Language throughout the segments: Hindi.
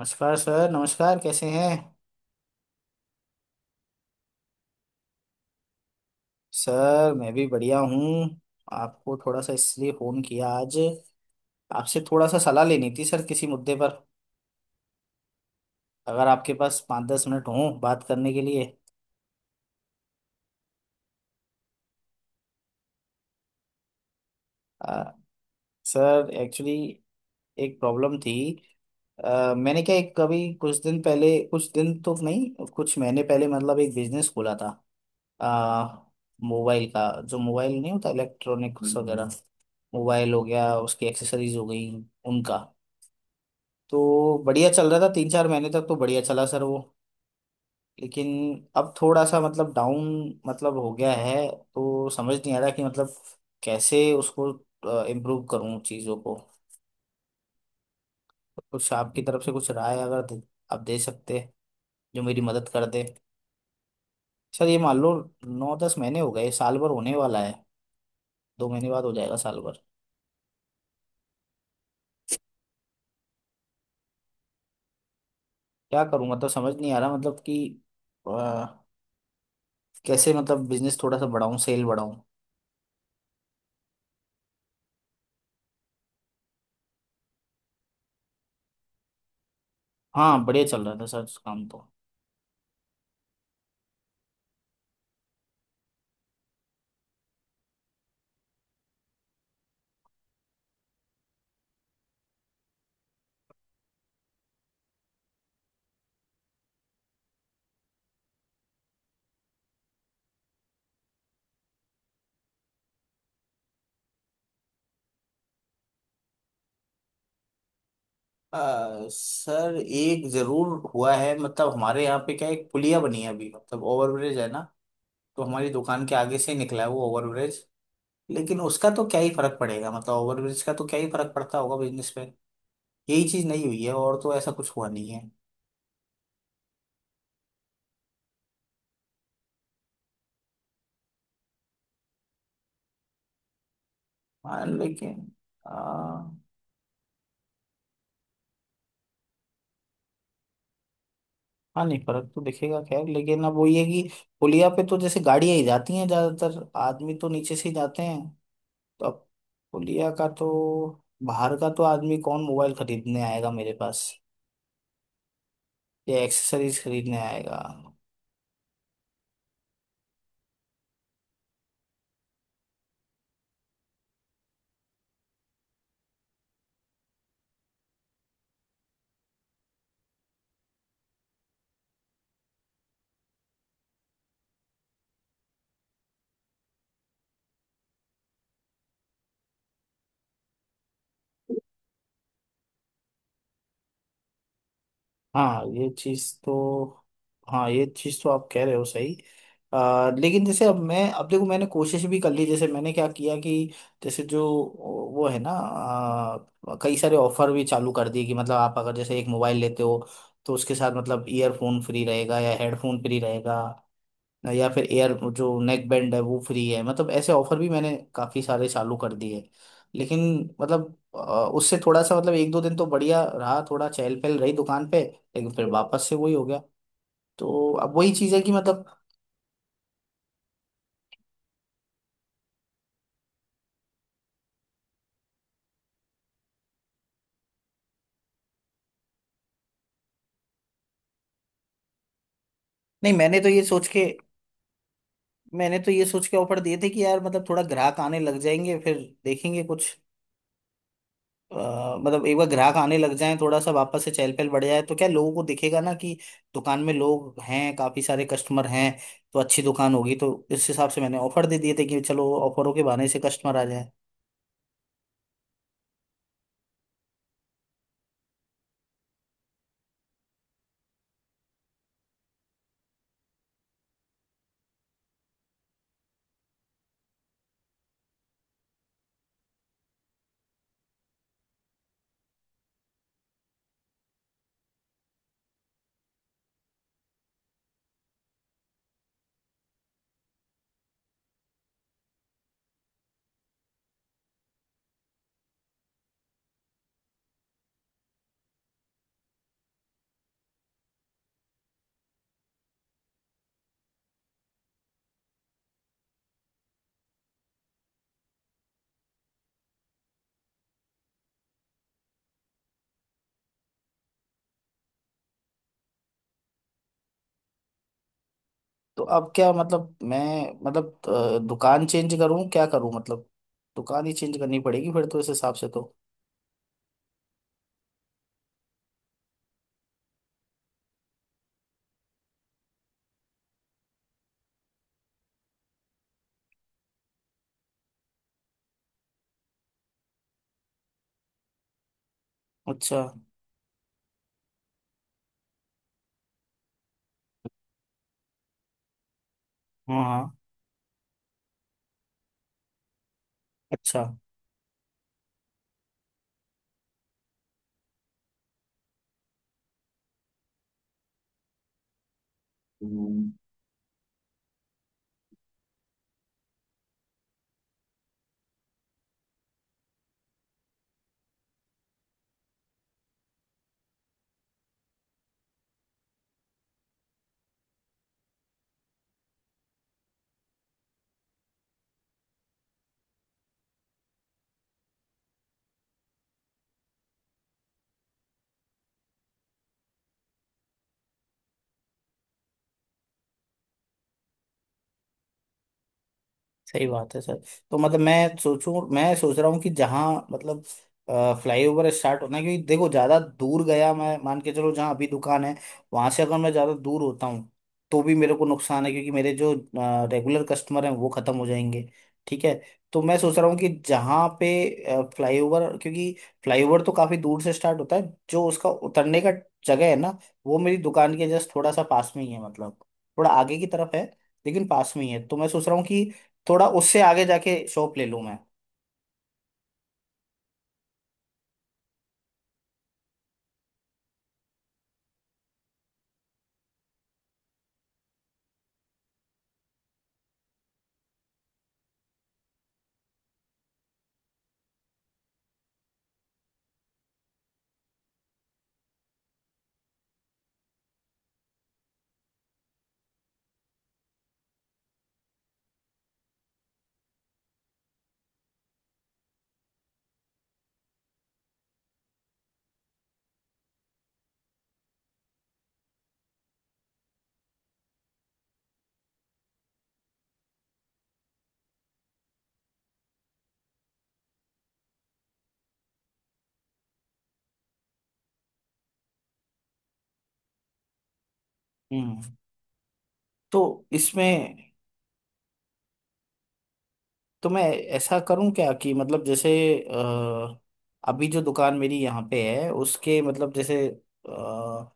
नमस्कार सर। नमस्कार, कैसे हैं। सर मैं भी बढ़िया हूँ। आपको थोड़ा सा इसलिए फ़ोन किया आज। आपसे थोड़ा सा सलाह लेनी थी सर किसी मुद्दे पर। अगर आपके पास 5-10 मिनट हों बात करने के लिए। आ, सर एक्चुअली एक प्रॉब्लम थी। मैंने क्या एक कभी कुछ दिन पहले, कुछ दिन तो नहीं कुछ महीने पहले, मतलब एक बिजनेस खोला था। आ, मोबाइल का। जो मोबाइल नहीं होता इलेक्ट्रॉनिक्स वगैरह। मोबाइल हो गया, उसकी एक्सेसरीज हो गई उनका। तो बढ़िया चल रहा था, 3-4 महीने तक तो बढ़िया चला सर वो। लेकिन अब थोड़ा सा मतलब डाउन मतलब हो गया है। तो समझ नहीं आ रहा कि मतलब कैसे उसको इम्प्रूव करूं चीज़ों को। कुछ आपकी तरफ से कुछ राय अगर दे, आप दे सकते हैं, जो मेरी मदद कर दे। सर ये मान लो 9-10 महीने हो गए, साल भर होने वाला है। 2 महीने बाद हो जाएगा साल भर। क्या करूं मतलब समझ नहीं आ रहा मतलब कि अ, कैसे मतलब बिजनेस थोड़ा सा बढ़ाऊं, सेल बढ़ाऊं। हाँ बढ़िया चल रहा था सर काम तो। अ, सर एक जरूर हुआ है। मतलब हमारे यहाँ पे क्या है, एक पुलिया बनी है अभी, मतलब ओवरब्रिज है ना। तो हमारी दुकान के आगे से ही निकला है वो ओवरब्रिज। लेकिन उसका तो क्या ही फर्क पड़ेगा, मतलब ओवरब्रिज का तो क्या ही फर्क पड़ता होगा बिजनेस पे। यही चीज नहीं हुई है, और तो ऐसा कुछ हुआ नहीं है। हाँ लेकिन हाँ नहीं फर्क तो दिखेगा खैर, लेकिन अब वो ये कि पुलिया पे तो जैसे गाड़ियां ही जाती हैं, ज्यादातर आदमी तो नीचे से ही जाते हैं। तो अब तौलिया का तो बाहर का तो आदमी कौन मोबाइल खरीदने आएगा मेरे पास, या एक्सेसरीज खरीदने आएगा। हाँ ये चीज तो। हाँ ये चीज तो आप कह रहे हो सही। लेकिन जैसे अब मैं अब देखो मैंने कोशिश भी कर ली। जैसे मैंने क्या किया कि जैसे जो वो है ना कई सारे ऑफर भी चालू कर दिए कि मतलब आप अगर जैसे एक मोबाइल लेते हो तो उसके साथ मतलब ईयरफोन फ्री रहेगा या हेडफोन फ्री रहेगा, या फिर एयर जो नेक बैंड है वो फ्री है। मतलब ऐसे ऑफर भी मैंने काफी सारे चालू कर दिए। लेकिन मतलब उससे थोड़ा सा मतलब 1-2 दिन तो बढ़िया रहा, थोड़ा चहल पहल रही दुकान पे, लेकिन फिर वापस से वही हो गया। तो अब वही चीज़ है कि मतलब नहीं मैंने तो ये सोच के, मैंने तो ये सोच के ऑफर दिए थे कि यार मतलब थोड़ा ग्राहक आने लग जाएंगे फिर देखेंगे कुछ। अ, मतलब एक बार ग्राहक आने लग जाए, थोड़ा सा वापस से चहल पहल बढ़ जाए, तो क्या लोगों को दिखेगा ना कि दुकान में लोग हैं, काफी सारे कस्टमर हैं, तो अच्छी दुकान होगी। तो इस हिसाब से मैंने ऑफर दे दिए थे कि चलो ऑफरों के बहाने से कस्टमर आ जाए। तो अब क्या मतलब मैं मतलब दुकान चेंज करूं, क्या करूं मतलब। दुकान ही चेंज करनी पड़ेगी फिर तो इस हिसाब से तो। अच्छा। हाँ हाँ। अच्छा। सही बात है सर। तो मतलब मैं सोचूं, मैं सोच रहा हूँ कि जहाँ मतलब फ्लाईओवर स्टार्ट होना है, क्योंकि देखो ज्यादा दूर गया मैं मान के चलो, जहाँ अभी दुकान है वहां से अगर मैं ज्यादा दूर होता हूँ तो भी मेरे को नुकसान है, क्योंकि मेरे जो रेगुलर कस्टमर हैं वो खत्म हो जाएंगे। ठीक है। तो मैं सोच रहा हूँ कि जहाँ पे फ्लाईओवर, क्योंकि फ्लाईओवर तो काफी दूर से स्टार्ट होता है, जो उसका उतरने का जगह है ना, वो मेरी दुकान के जस्ट थोड़ा सा पास में ही है। मतलब थोड़ा आगे की तरफ है, लेकिन पास में ही है। तो मैं सोच रहा हूँ कि थोड़ा उससे आगे जाके शॉप ले लूँ मैं। हम्म, तो इसमें तो मैं ऐसा करूँ क्या कि मतलब जैसे अ, अभी जो दुकान मेरी यहाँ पे है उसके मतलब जैसे अ,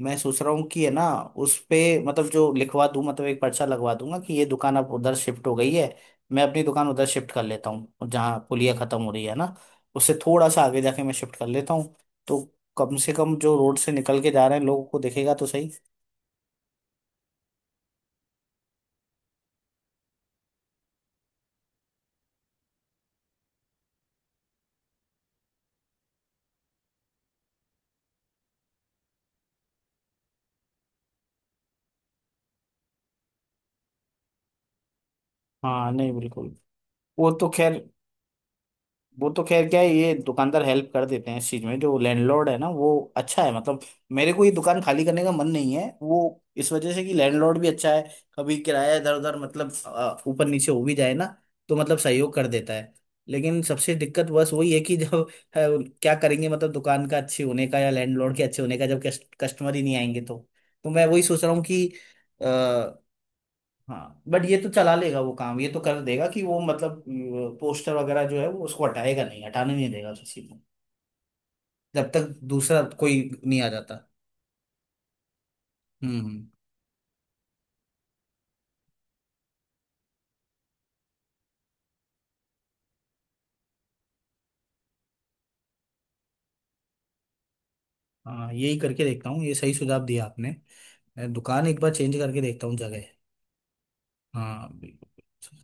मैं सोच रहा हूँ कि है ना उस पे मतलब जो लिखवा दूँ, मतलब एक पर्चा लगवा दूंगा कि ये दुकान अब उधर शिफ्ट हो गई है। मैं अपनी दुकान उधर शिफ्ट कर लेता हूँ जहाँ पुलिया खत्म हो रही है ना, उससे थोड़ा सा आगे जाके मैं शिफ्ट कर लेता हूँ। तो कम से कम जो रोड से निकल के जा रहे हैं, लोगों को दिखेगा तो सही। हाँ नहीं बिल्कुल। वो तो खैर, वो तो खैर क्या है, ये दुकानदार हेल्प कर देते हैं इस चीज में, जो लैंडलॉर्ड है ना वो अच्छा है। मतलब मेरे को ये दुकान खाली करने का मन नहीं है वो, इस वजह से कि लैंडलॉर्ड भी अच्छा है। कभी किराया इधर उधर मतलब ऊपर नीचे हो भी जाए ना, तो मतलब सहयोग कर देता है। लेकिन सबसे दिक्कत बस वही है कि जब क्या करेंगे मतलब दुकान का अच्छे होने का या लैंडलॉर्ड के अच्छे होने का, जब कस्ट, कस्टमर ही नहीं आएंगे तो। तो मैं वही सोच रहा हूँ कि हाँ, बट ये तो चला लेगा वो काम, ये तो कर देगा कि वो मतलब पोस्टर वगैरह जो है वो उसको हटाएगा नहीं, हटाने नहीं देगा किसी को जब तक दूसरा कोई नहीं आ जाता। हम्म, हाँ यही करके देखता हूँ, ये सही सुझाव दिया आपने। मैं दुकान एक बार चेंज करके देखता हूँ जगह। हाँ बिल्कुल बिल्कुल।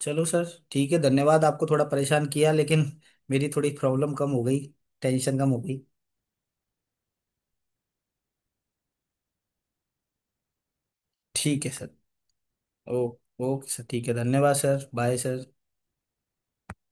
चलो सर ठीक है, धन्यवाद। आपको थोड़ा परेशान किया लेकिन मेरी थोड़ी प्रॉब्लम कम हो गई, टेंशन कम हो गई। ठीक है सर। ओ, ओके सर ठीक है, धन्यवाद सर, बाय सर।